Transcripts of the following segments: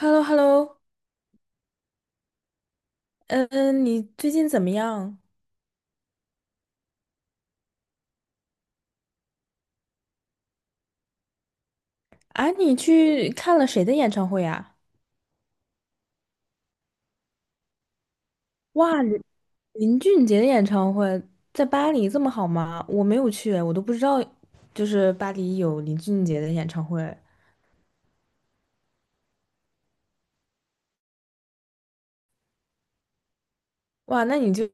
h e l l o h e l l o。 嗯，你最近怎么样？啊，你去看了谁的演唱会呀？哇，林俊杰的演唱会在巴黎这么好吗？我没有去，我都不知道，就是巴黎有林俊杰的演唱会。哇，那你就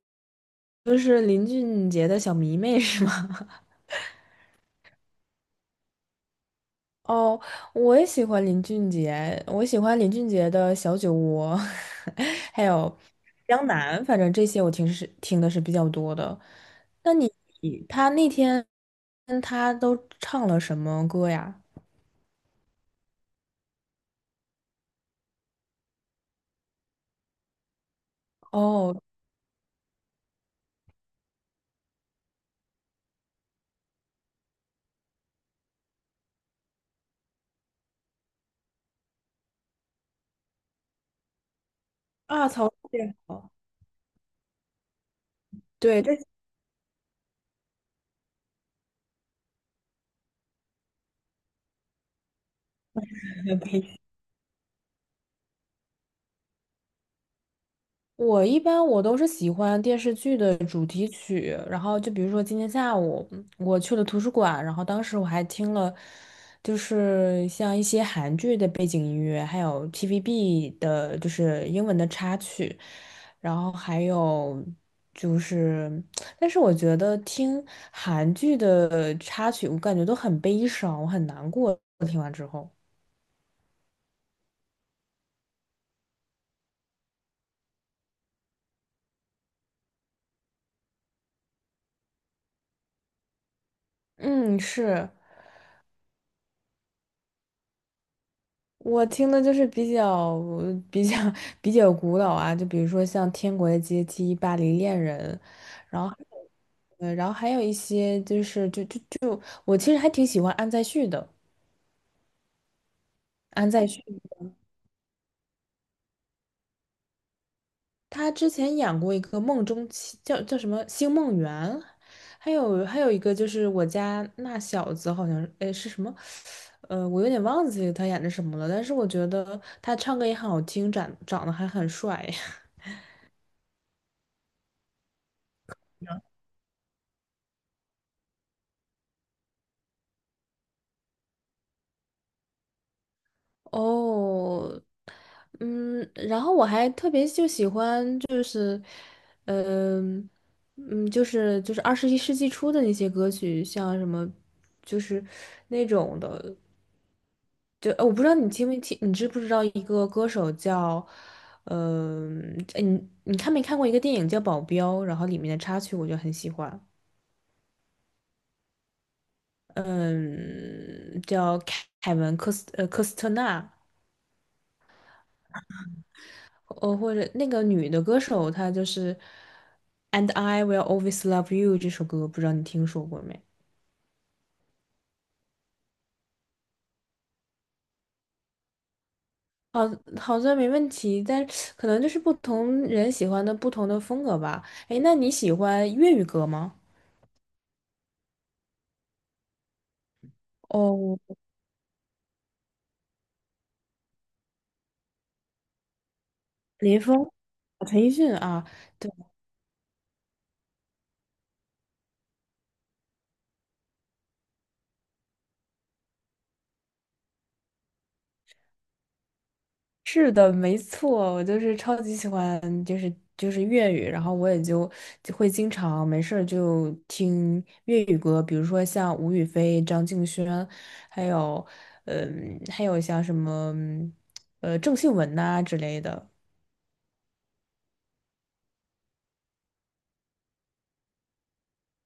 就是林俊杰的小迷妹是吗？哦，我也喜欢林俊杰，我喜欢林俊杰的《小酒窝》，还有《江南》，反正这些我听是听的是比较多的。那你他那天他都唱了什么歌呀？哦，啊，曹志好，对，这 比我一般都是喜欢电视剧的主题曲，然后就比如说今天下午我去了图书馆，然后当时我还听了，就是像一些韩剧的背景音乐，还有 TVB 的，就是英文的插曲，然后还有就是，但是我觉得听韩剧的插曲，我感觉都很悲伤，我很难过，听完之后。嗯，是。我听的就是比较比较 比较古老啊，就比如说像《天国的阶梯》《巴黎恋人》，然后然后还有一些就是就就就我其实还挺喜欢安在旭的。安在旭他之前演过一个《梦中情叫叫什么《星梦缘》，还有一个就是我家那小子好像是是什么，我有点忘记他演的什么了，但是我觉得他唱歌也很好听，长得还很帅。哦，嗯，然后我还特别喜欢嗯、二十一世纪初的那些歌曲，像什么，就是那种的，我不知道你听没听，你知不知道一个歌手叫，嗯、呃，你你看没看过一个电影叫《保镖》，然后里面的插曲我就很喜欢，嗯，叫凯文科斯特纳。哦，或者那个女的歌手，她就是《And I Will Always Love You》这首歌，不知道你听说过没？好，好像没问题，但是可能就是不同人喜欢的不同的风格吧。哎，那你喜欢粤语歌吗？哦，林峰、陈奕迅啊，是的，没错，我就是超级喜欢，就是粤语，然后我也就就会经常没事儿就听粤语歌，比如说像吴雨霏、张敬轩，还有嗯，还有像什么郑秀文呐、之类的。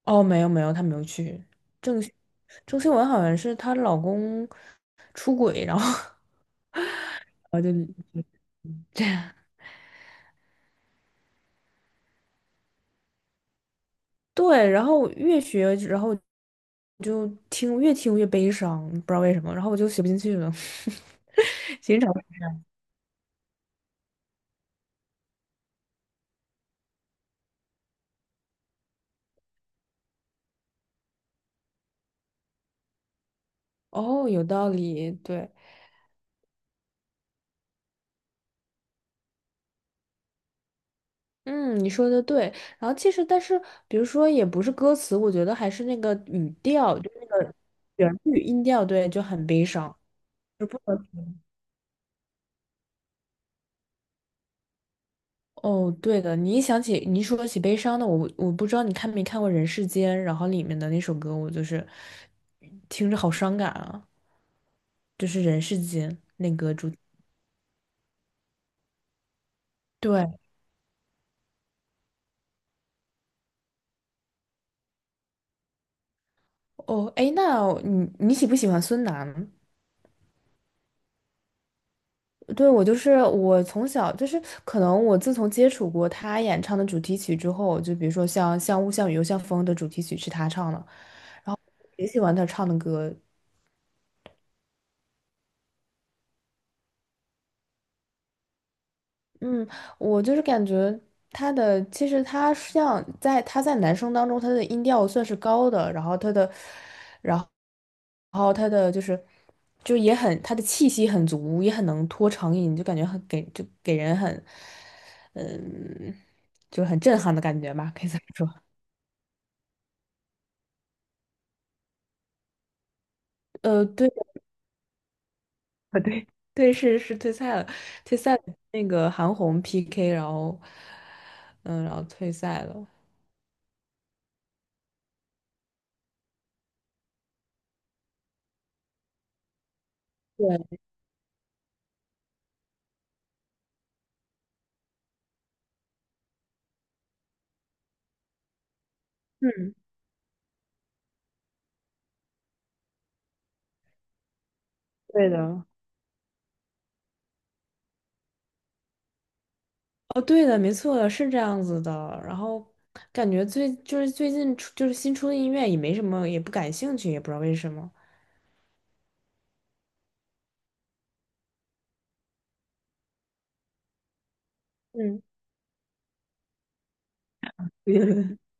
哦，没有没有，她没有去。郑秀郑秀文好像是她老公出轨，然后 然后就这样。对，然后越学，然后就听越听越悲伤，不知道为什么，然后我就学不进去了。欣赏哦，有道理，对，嗯，你说的对。然后其实，但是比如说，也不是歌词，我觉得还是那个语调，就那个旋律音调，对，就很悲伤，就不能。哦，对的，你一想起你一说起悲伤的，我我不知道你看没看过《人世间》，然后里面的那首歌，我就是听着好伤感啊。就是人世间那个主。对，哦，哎，那你你喜不喜欢孙楠？对，我从小就是可能我自从接触过他演唱的主题曲之后，就比如说像《像雾像雨又像风》的主题曲是他唱的，也喜欢他唱的歌，嗯，我就是感觉他的，其实他他在男生当中，他的音调算是高的，然后他的，然后，然后他的就是，就也很他的气息很足，也很能拖长音，就感觉就给人很，嗯，就是很震撼的感觉吧，可以这么说。对，对，对，是退赛了，退赛了那个韩红 PK,然后，嗯，然后退赛了。对，嗯，对的。哦，对的，没错，是这样子的。然后感觉最近出就是新出的音乐也没什么，也不感兴趣，也不知道为什么。嗯，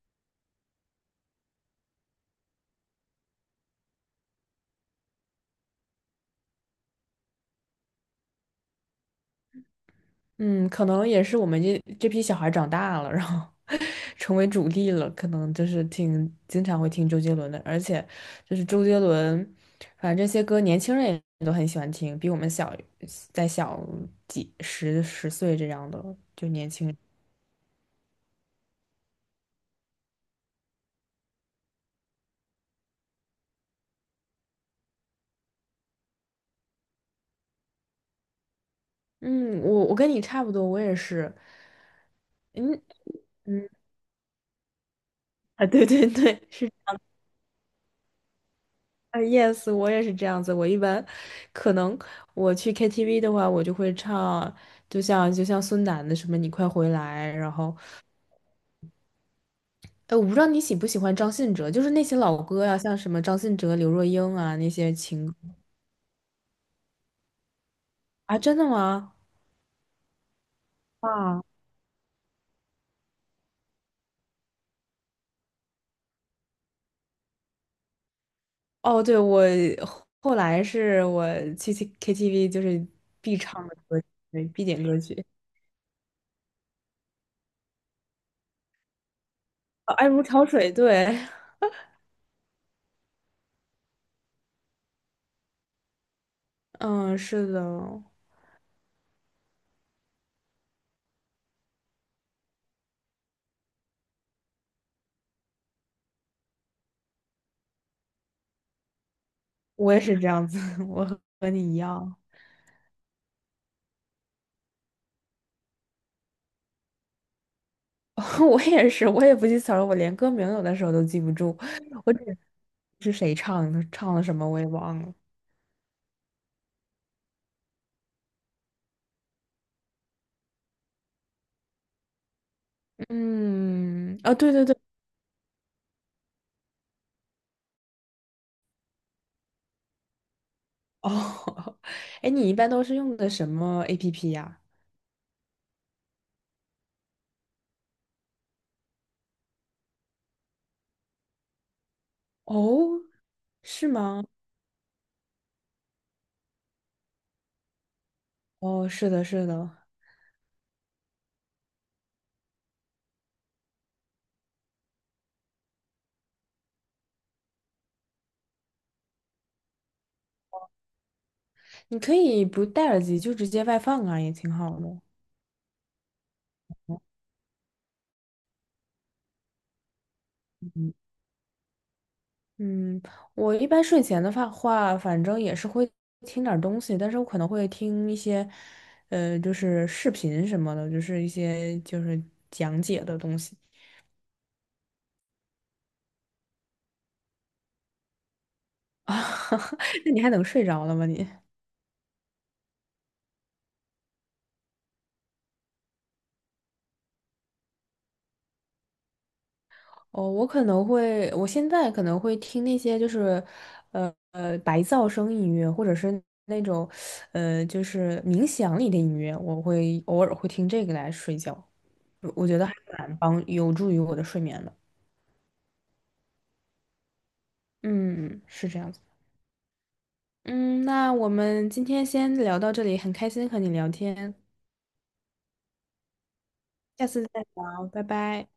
嗯，可能也是我们这批小孩长大了，然后 成为主力了，可能就是挺经常会听周杰伦的，而且周杰伦，反正这些歌年轻人也都很喜欢听，比我们小再小十岁这样的就年轻人。嗯，我我跟你差不多，我也是。嗯嗯啊，对 对对，是啊，yes,我也是这样子。我一般可能我去 KTV 的话，我就会唱，就像孙楠的什么“你快回来”，然后，哎，我不知道你喜不喜欢张信哲，就是那些老歌呀、像什么张信哲、刘若英啊那些情啊，真的吗？啊，哦，对，我后后来是我去 KTV 就是必唱的歌曲，对必点歌曲，啊爱如潮水》。对，嗯，是的。我也是这样子，我和你一样，我也是，我也不记词儿，我连歌名有的时候都记不住，我只是谁唱的，唱了什么我也忘了。嗯，啊，对对对，哦，哎，你一般都是用的什么 APP 呀？哦，是吗？哦，是的，是的，你可以不戴耳机，就直接外放啊，也挺好的。嗯，我一般睡前的话，反正也是会听点儿东西，但是我可能会听一些，就是视频什么的，就是一些就是讲解的东西 啊，那你还能睡着了吗你？哦，我可能会，我现在可能会听那些就是，白噪声音乐，或者是那种，就是冥想里的音乐，我会偶尔会听这个来睡觉，我觉得还蛮帮，有助于我的睡眠的。嗯，是这样子。嗯，那我们今天先聊到这里，很开心和你聊天，下次再聊，拜拜。